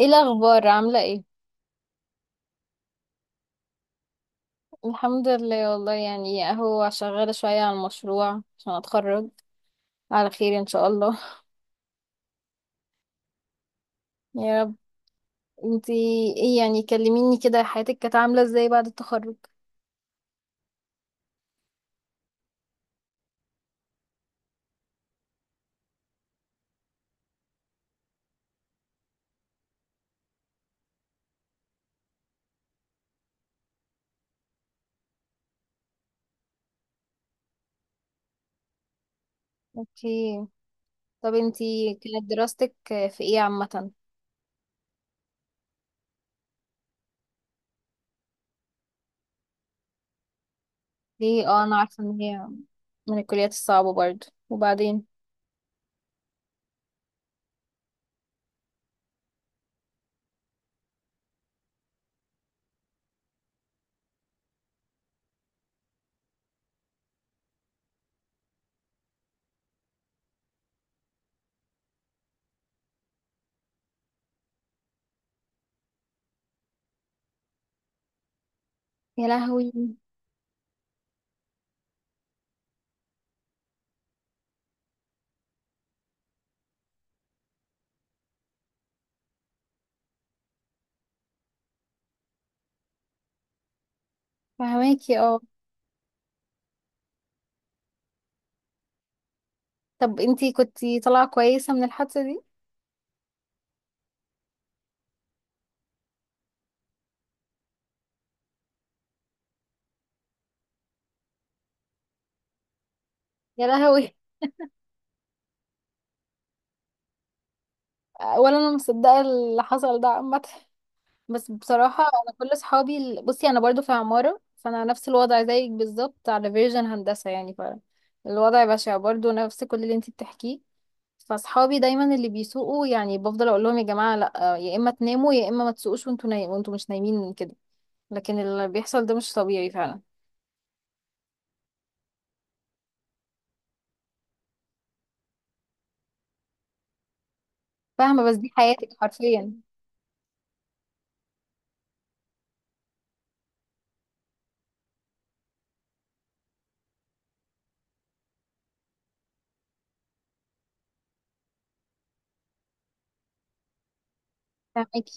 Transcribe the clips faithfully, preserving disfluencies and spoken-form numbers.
ايه الاخبار؟ عامله ايه؟ الحمد لله والله، يعني اهو شغاله شويه على المشروع عشان اتخرج على خير ان شاء الله. يا رب. انتي، ايه يعني؟ كلميني كده، حياتك كانت عامله ازاي بعد التخرج؟ اوكي. طب انتي كانت دراستك في ايه عامه؟ ليه اه انا عارفه ان هي من الكليات الصعبه برضه، وبعدين. يا لهوي. فهماكي اه. طب انتي كنتي طالعه كويسه من الحادثه دي؟ يا لهوي. ولا انا مصدقه اللي حصل ده عامه. بس بصراحة أنا كل أصحابي ال- بصي أنا برضو في عمارة، فأنا نفس الوضع زيك بالظبط، على فيرجن هندسة يعني. فالوضع بشع برضو، نفس كل اللي انتي بتحكيه. فأصحابي دايما اللي بيسوقوا، يعني بفضل أقول لهم يا جماعة لأ، يا إما تناموا يا إما ما تسوقوش، وانتوا نايم وانتوا مش نايمين كده. لكن اللي بيحصل ده مش طبيعي فعلا. فاهمة؟ بس دي حياتك حرفيا. فاهمك.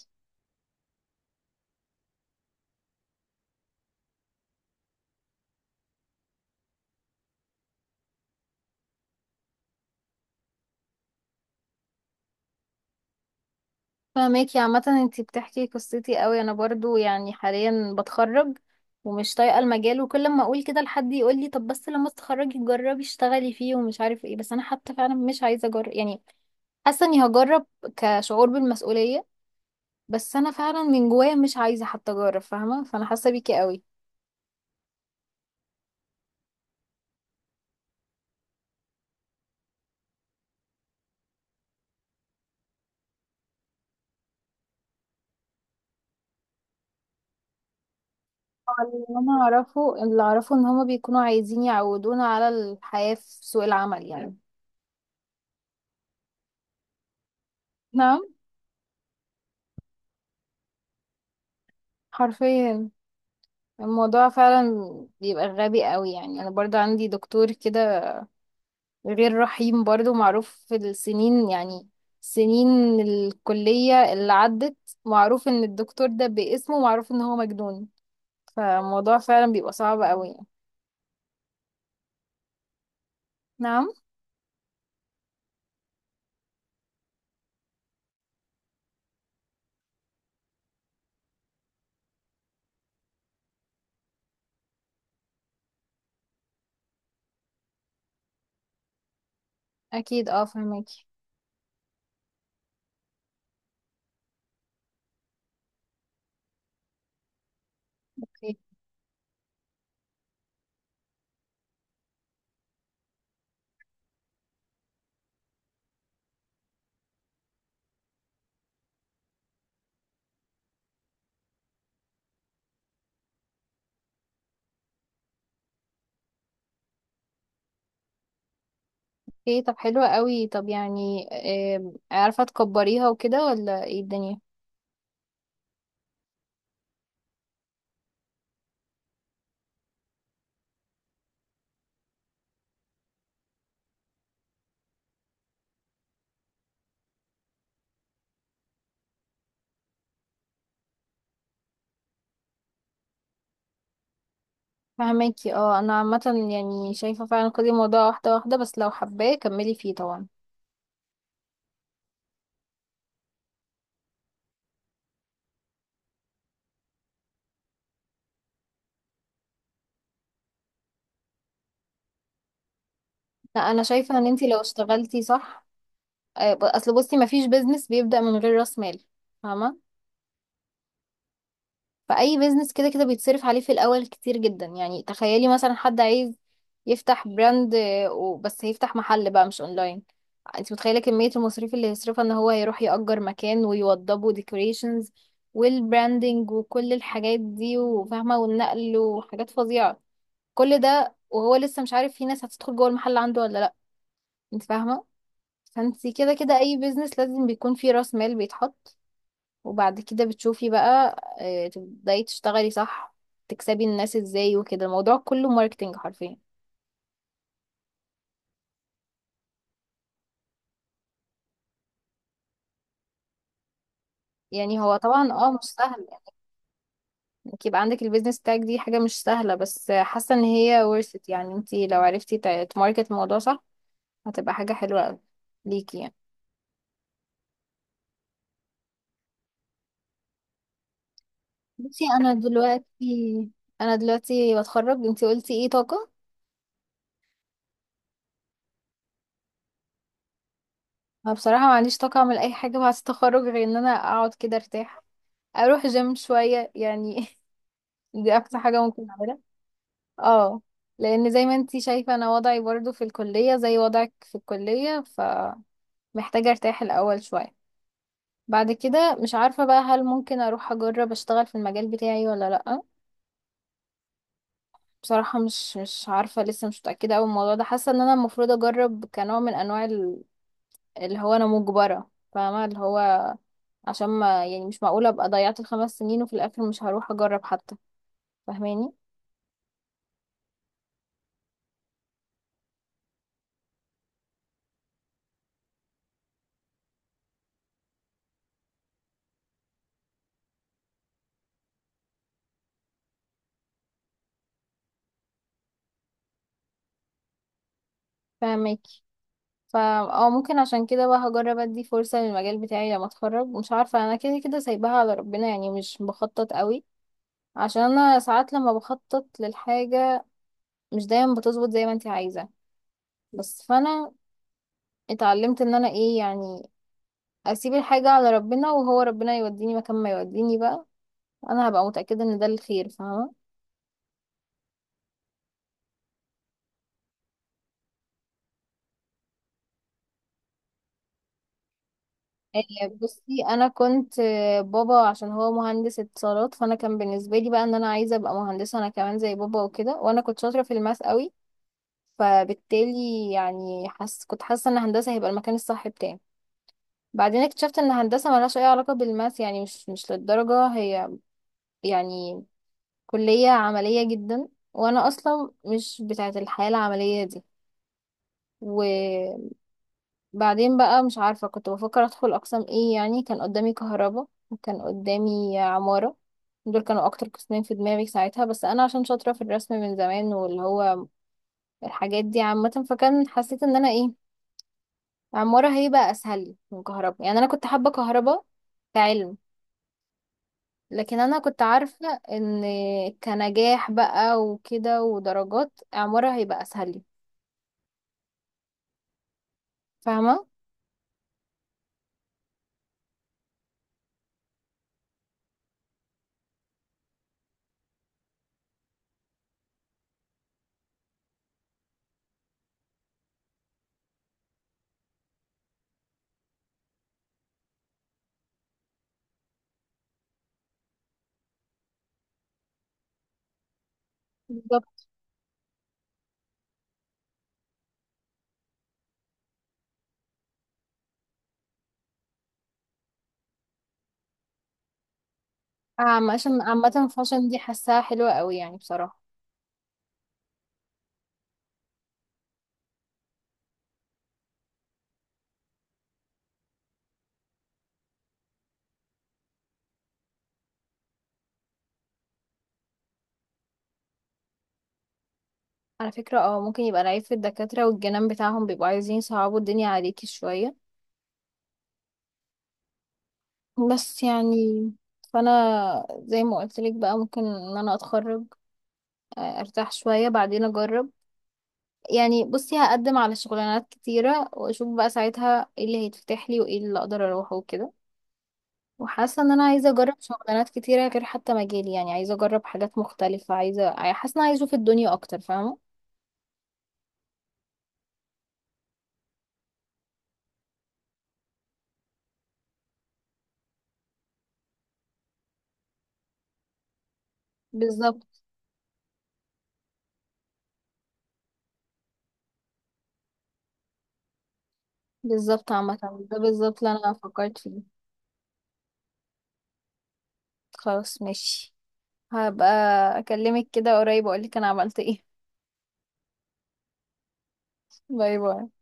فاهماكي. عامة انتي بتحكي قصتي قوي، انا برضو يعني حاليا بتخرج، ومش طايقة المجال، وكل ما اقول كده لحد يقول لي طب بس لما تتخرجي جربي اشتغلي فيه ومش عارف ايه، بس انا حتى فعلا مش عايزة اجرب يعني. حاسة اني هجرب كشعور بالمسؤولية، بس انا فعلا من جوايا مش عايزة حتى اجرب، فاهمة؟ فانا حاسة بيكي قوي. اللي انا اعرفه، اللي اعرفه ان هما بيكونوا عايزين يعودونا على الحياة في سوق العمل يعني. نعم. حرفيا. الموضوع فعلا بيبقى غبي قوي، يعني انا برضو عندي دكتور كده غير رحيم برضو، معروف في السنين يعني، سنين الكلية اللي عدت، معروف ان الدكتور ده باسمه، معروف ان هو مجنون. فالموضوع فعلا بيبقى صعب قوي يعني. نعم. اكيد اه، فهماكي. اوكي. أوكي، طب حلوة قوي. طب يعني آم، عارفة تكبريها وكده ولا ايه الدنيا؟ فهماكي اه. انا عامة يعني شايفة فعلا كل الموضوع واحدة واحدة، بس لو حباه كملي فيه طبعا. لا، انا شايفه ان انتي لو اشتغلتي صح آه، ب- اصل بصي، مفيش بيزنس بيبدا من غير راس مال، فاهمه؟ فاي بيزنس كده كده بيتصرف عليه في الاول كتير جدا، يعني تخيلي مثلا حد عايز يفتح براند آه، و- بس هيفتح محل بقى مش اونلاين، انت متخيله كميه المصاريف اللي هيصرفها، ان هو يروح يأجر مكان ويوضبه ديكوريشنز والبراندنج وكل الحاجات دي وفاهمه، والنقل وحاجات فظيعه. كل ده وهو لسه مش عارف في ناس هتدخل جوه المحل عنده ولا لا. انت فاهمه؟ فانتي كده كده اي بيزنس لازم بيكون فيه راس مال بيتحط، وبعد كده بتشوفي بقى، آه، تبداي تشتغلي صح، تكسبي الناس ازاي وكده. الموضوع كله ماركتينج حرفيا. يعني هو طبعا اه، مش سهل يعني، انك يبقى عندك البيزنس بتاعك، دي حاجة مش سهلة، بس حاسة ان هي worth it. يعني انتي لو عرفتي تا- تماركت الموضوع صح، هتبقى حاجة حلوة قوي ليكي يعني. بصي انا دلوقتي انا دلوقتي بتخرج، انتي قلتي ايه، طاقة؟ انا بصراحة ما عنديش طاقة اعمل اي حاجة بعد التخرج، غير ان انا اقعد كده ارتاح، اروح جيم شوية يعني. دي اقصى حاجة ممكن اعملها. اه، لان زي ما انتي شايفة انا وضعي برضو في الكلية زي وضعك في الكلية، فمحتاجة ارتاح الاول شوية. بعد كده مش عارفة بقى، هل ممكن اروح اجرب اشتغل في المجال بتاعي ولا لأ؟ بصراحة مش مش عارفة، لسه مش متأكدة اوي من الموضوع ده. حاسة ان انا المفروض اجرب كنوع من انواع ال- اللي هو انا مجبرة، فاهمة؟ اللي هو عشان ما يعني، مش معقولة ابقى ضيعت الخمس سنين وفي الاخر مش هروح اجرب حتى، فاهماني؟ فاهمك. فا اه ممكن عشان كده بقى هجرب ادي فرصة للمجال بتاعي لما اتخرج. مش عارفة، انا كده كده سايباها على ربنا يعني، مش بخطط قوي، عشان انا ساعات لما بخطط للحاجة مش دايما بتظبط زي ما انت عايزة. بس فانا اتعلمت ان انا ايه يعني، اسيب الحاجة على ربنا، وهو ربنا يوديني مكان ما يوديني بقى، انا هبقى متأكدة ان ده الخير، فاهمة؟ إيه، بصي انا كنت آه، بابا عشان هو مهندس اتصالات، فانا كان بالنسبه لي بقى ان انا عايزه ابقى مهندسه انا كمان زي بابا وكده، وانا كنت شاطره في الماس قوي، فبالتالي يعني حس كنت حاسة ان هندسة هيبقى المكان الصح بتاعي. بعدين اكتشفت ان هندسة ملهاش اي علاقة بالماس يعني، مش مش للدرجة. هي يعني كلية عملية جدا، وانا اصلا مش بتاعة الحياة العملية دي. وبعدين بقى مش عارفة كنت بفكر ادخل اقسام ايه يعني، كان قدامي كهرباء وكان قدامي عمارة، دول كانوا اكتر قسمين في دماغي ساعتها. بس انا عشان شاطرة في الرسم من زمان واللي هو الحاجات دي عامة، فكان حسيت ان انا ايه، عمارة هيبقى أسهل لي من كهرباء، يعني أنا كنت حابة كهرباء كعلم، لكن أنا كنت عارفة إن كنجاح بقى وكده ودرجات، عمارة هيبقى أسهل لي، فاهمة؟ بالظبط. عم- عشان عامة فاشن دي حاساها حلوة قوي يعني، بصراحة. على فكرة اه، ممكن يبقى العيب في الدكاترة والجنان بتاعهم، بيبقوا عايزين يصعبوا الدنيا عليكي شوية، بس يعني. فأنا زي ما قلت لك بقى، ممكن إن أنا أتخرج، آه، أرتاح شوية بعدين أجرب. يعني بصي هقدم على شغلانات كتيرة واشوف بقى ساعتها ايه اللي هيتفتح لي وايه اللي اقدر اروحه وكده، وحاسة ان انا عايزة اجرب شغلانات كتيرة غير حتى مجالي، يعني عايزة اجرب حاجات مختلفة، عايزة، حاسة ان أنا عايزة اشوف الدنيا اكتر، فاهمة؟ بالظبط. بالظبط. عامة ده بالظبط اللي انا فكرت فيه. خلاص، ماشي، هبقى اكلمك كده قريب واقولك انا عملت ايه. باي باي.